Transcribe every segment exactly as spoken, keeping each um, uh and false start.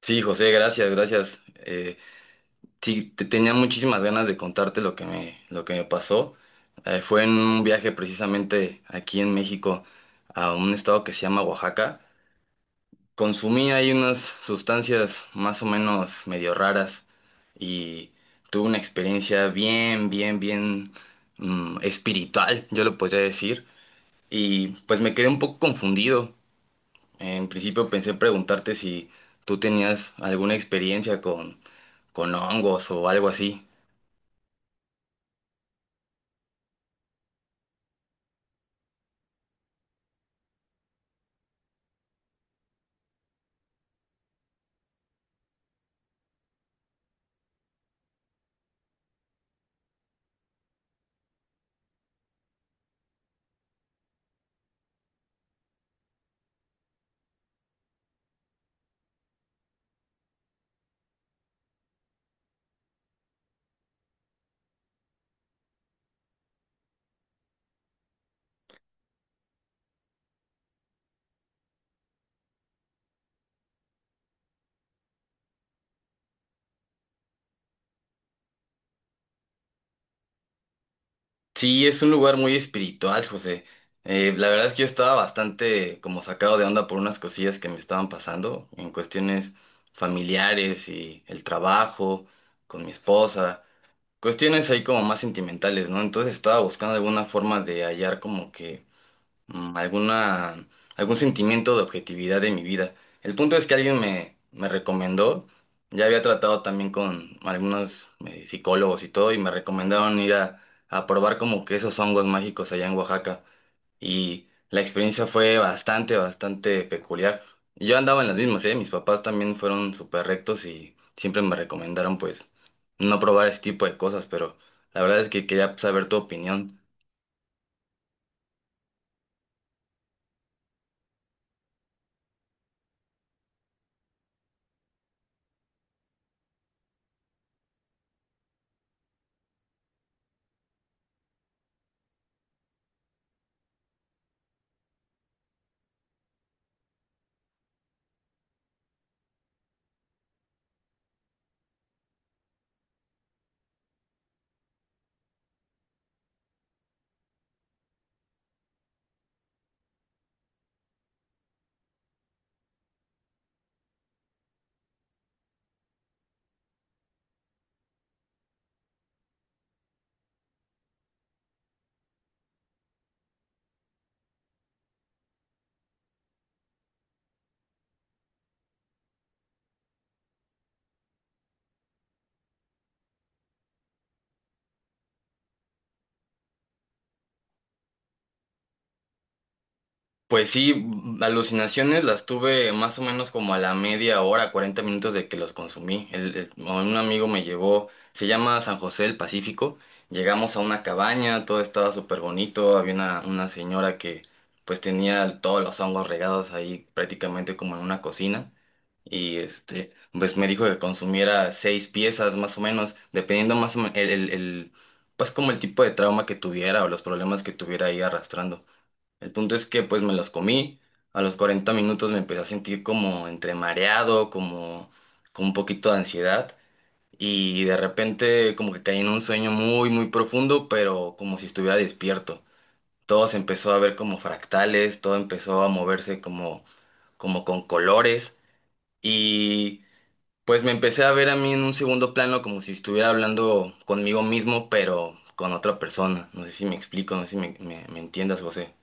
Sí, José, gracias, gracias. Eh, sí, te- tenía muchísimas ganas de contarte lo que me, lo que me pasó. Eh, fue en un viaje precisamente aquí en México a un estado que se llama Oaxaca. Consumí ahí unas sustancias más o menos medio raras y tuve una experiencia bien, bien, bien mm, espiritual, yo lo podría decir. Y pues me quedé un poco confundido. En principio pensé preguntarte si tú tenías alguna experiencia con, con hongos o algo así. Sí, es un lugar muy espiritual, José. Eh, la verdad es que yo estaba bastante como sacado de onda por unas cosillas que me estaban pasando en cuestiones familiares y el trabajo, con mi esposa, cuestiones ahí como más sentimentales, ¿no? Entonces estaba buscando alguna forma de hallar como que mm, alguna, algún sentimiento de objetividad de mi vida. El punto es que alguien me, me recomendó, ya había tratado también con algunos eh, psicólogos y todo, y me recomendaron ir a, a probar como que esos hongos mágicos allá en Oaxaca. Y la experiencia fue bastante, bastante peculiar. Yo andaba en las mismas, ¿eh? Mis papás también fueron súper rectos y siempre me recomendaron pues no probar ese tipo de cosas, pero la verdad es que quería saber tu opinión. Pues sí, mm, alucinaciones las tuve más o menos como a la media hora, cuarenta minutos de que los consumí. El- el- un amigo me llevó, se llama San José del Pacífico. Llegamos a una cabaña, todo estaba súper bonito. Había una, una señora que pues tenía todos los hongos regados ahí prácticamente como en una cocina. Y este, pues me dijo que consumiera seis piezas más o menos, dependiendo más o menos el, el, el, pues como el tipo de trauma que tuviera o los problemas que tuviera ahí arrastrando. El punto es que pues me los comí. A los cuarenta minutos me empecé a sentir como entre mareado, como con un poquito de ansiedad. Y de repente como que caí en un sueño muy, muy profundo, pero como si estuviera despierto. Todo se empezó a ver como fractales, todo empezó a moverse como, como con colores. Y pues me empecé a ver a mí en un segundo plano como si estuviera hablando conmigo mismo, pero con otra persona. No sé si me explico, no sé si me, me me entiendas, José.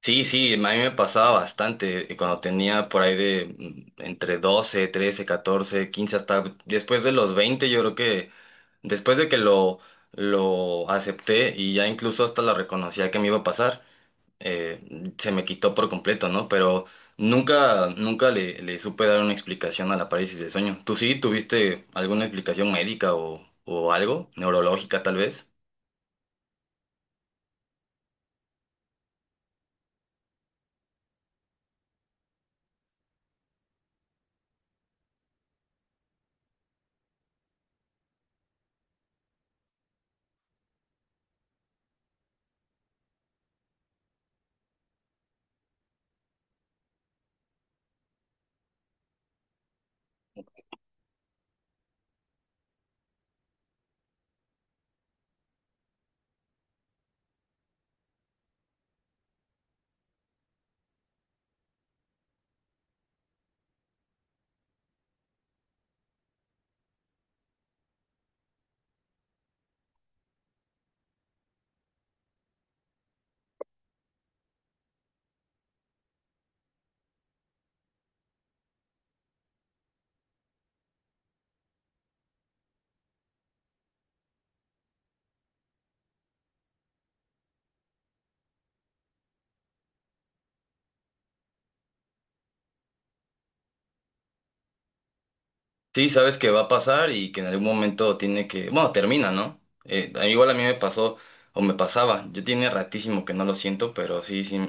Sí, sí, a mí me pasaba bastante eh, cuando tenía por ahí de mm, entre doce, trece, catorce, quince hasta después de los veinte yo creo que después de que lo, lo acepté y ya incluso hasta la reconocía que me iba a pasar, eh, se me quitó por completo, ¿no? Pero nunca, nunca le, le supe dar una explicación a la parálisis del sueño. ¿Tú sí tuviste alguna explicación médica o, o algo, neurológica tal vez? Sí, sabes que va a pasar y que en algún momento tiene que, bueno, termina, ¿no? Eh, igual a mí me pasó o me pasaba, yo tiene ratísimo que no lo siento, pero sí, sí,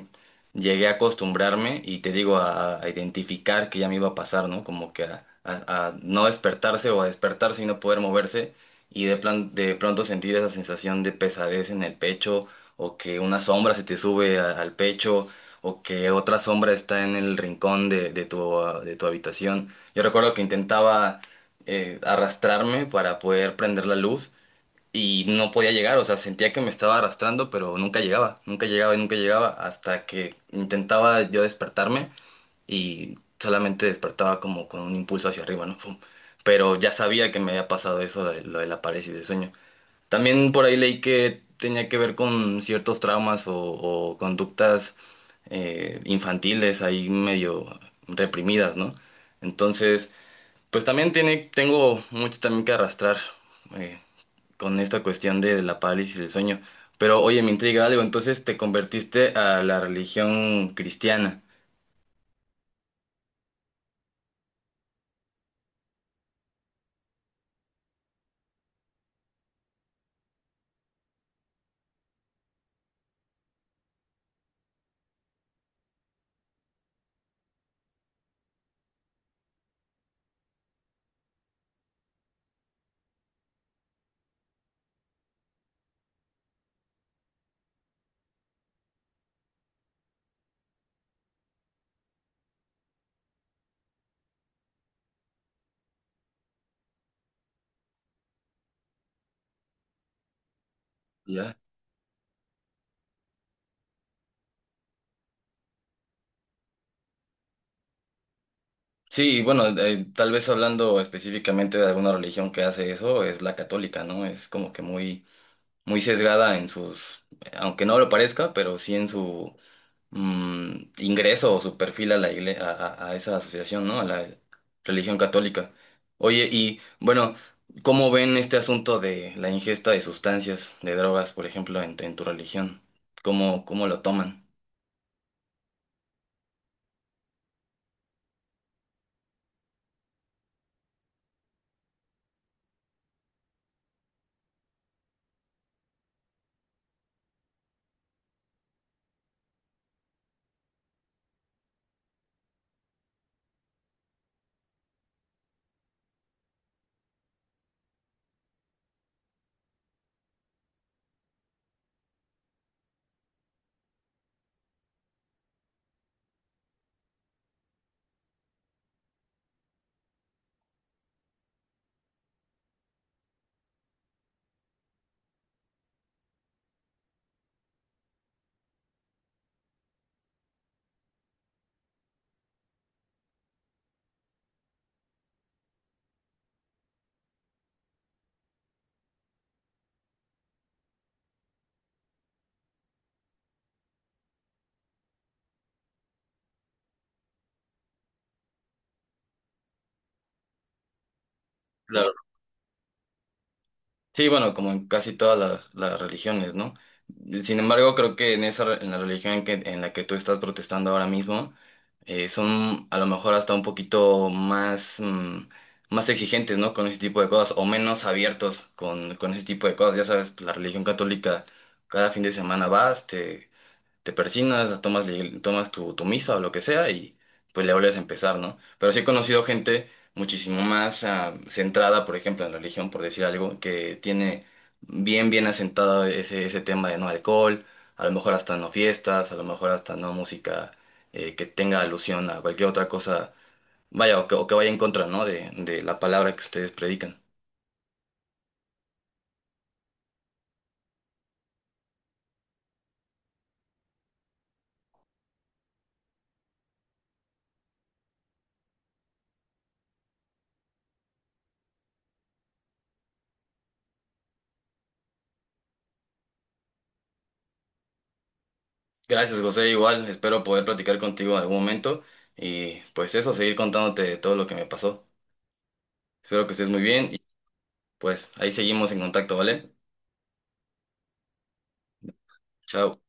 llegué a acostumbrarme y te digo a, a identificar que ya me iba a pasar, ¿no? Como que a, a- a no despertarse o a despertarse y no poder moverse y de, plan, de pronto sentir esa sensación de pesadez en el pecho o que una sombra se te sube a- al pecho o que otra sombra está en el rincón de, de tu, ah, de tu habitación. Yo recuerdo que intentaba eh, arrastrarme para poder prender la luz y no podía llegar, o sea, sentía que me estaba arrastrando, pero nunca llegaba, nunca llegaba y nunca llegaba hasta que intentaba yo despertarme y solamente despertaba como con un impulso hacia arriba, ¿no? Fum. Pero ya sabía que me había pasado eso, de- lo de la parálisis del sueño. También por ahí leí que tenía que ver con ciertos traumas o, o conductas eh, infantiles ahí medio reprimidas, ¿no? Entonces... Pues también tiene, tengo mucho también que arrastrar eh, con esta cuestión de la parálisis del sueño. Pero oye, me intriga algo, entonces te convertiste a la religión cristiana. ¿Ya? Sí, y bueno, eh, tal vez hablando específicamente de alguna religión que hace eso, es la católica, ¿no? Es como que muy, muy sesgada en sus, aunque no lo parezca, pero sí en su mm, ingreso o su perfil a la igle- a, a- a esa asociación, ¿no? A la religión católica. Oye, y bueno, ¿cómo ven este asunto de la ingesta de sustancias, de drogas, por ejemplo, en, en tu religión? ¿Cómo, cómo lo toman? Sí, bueno, como en casi todas las, las religiones, ¿no? Sin embargo, creo que en esa, re- en la religión en que, en la que tú estás protestando ahora mismo, eh, son a lo mejor hasta un poquito más, mm, más exigentes, ¿no? Con ese tipo de cosas, o menos abiertos con, con ese tipo de cosas. Ya sabes, la religión católica, cada fin de semana vas, te, te persignas, tomas, la- tomas tu, tu misa o lo que sea y pues le vuelves a empezar, ¿no? Pero sí he conocido gente muchísimo más ah, centrada, por ejemplo, en la religión, por decir algo, que tiene bien, bien asentado ese, ese tema de no alcohol, a lo mejor hasta no fiestas, a lo mejor hasta no música eh, que tenga alusión a cualquier otra cosa, vaya, o que, o que, vaya en contra, ¿no? De, de la palabra que ustedes predican. Gracias, José, igual, espero poder platicar contigo en algún momento y pues eso, seguir contándote todo lo que me pasó. Espero que estés muy bien y pues ahí seguimos en contacto, ¿vale? Chao.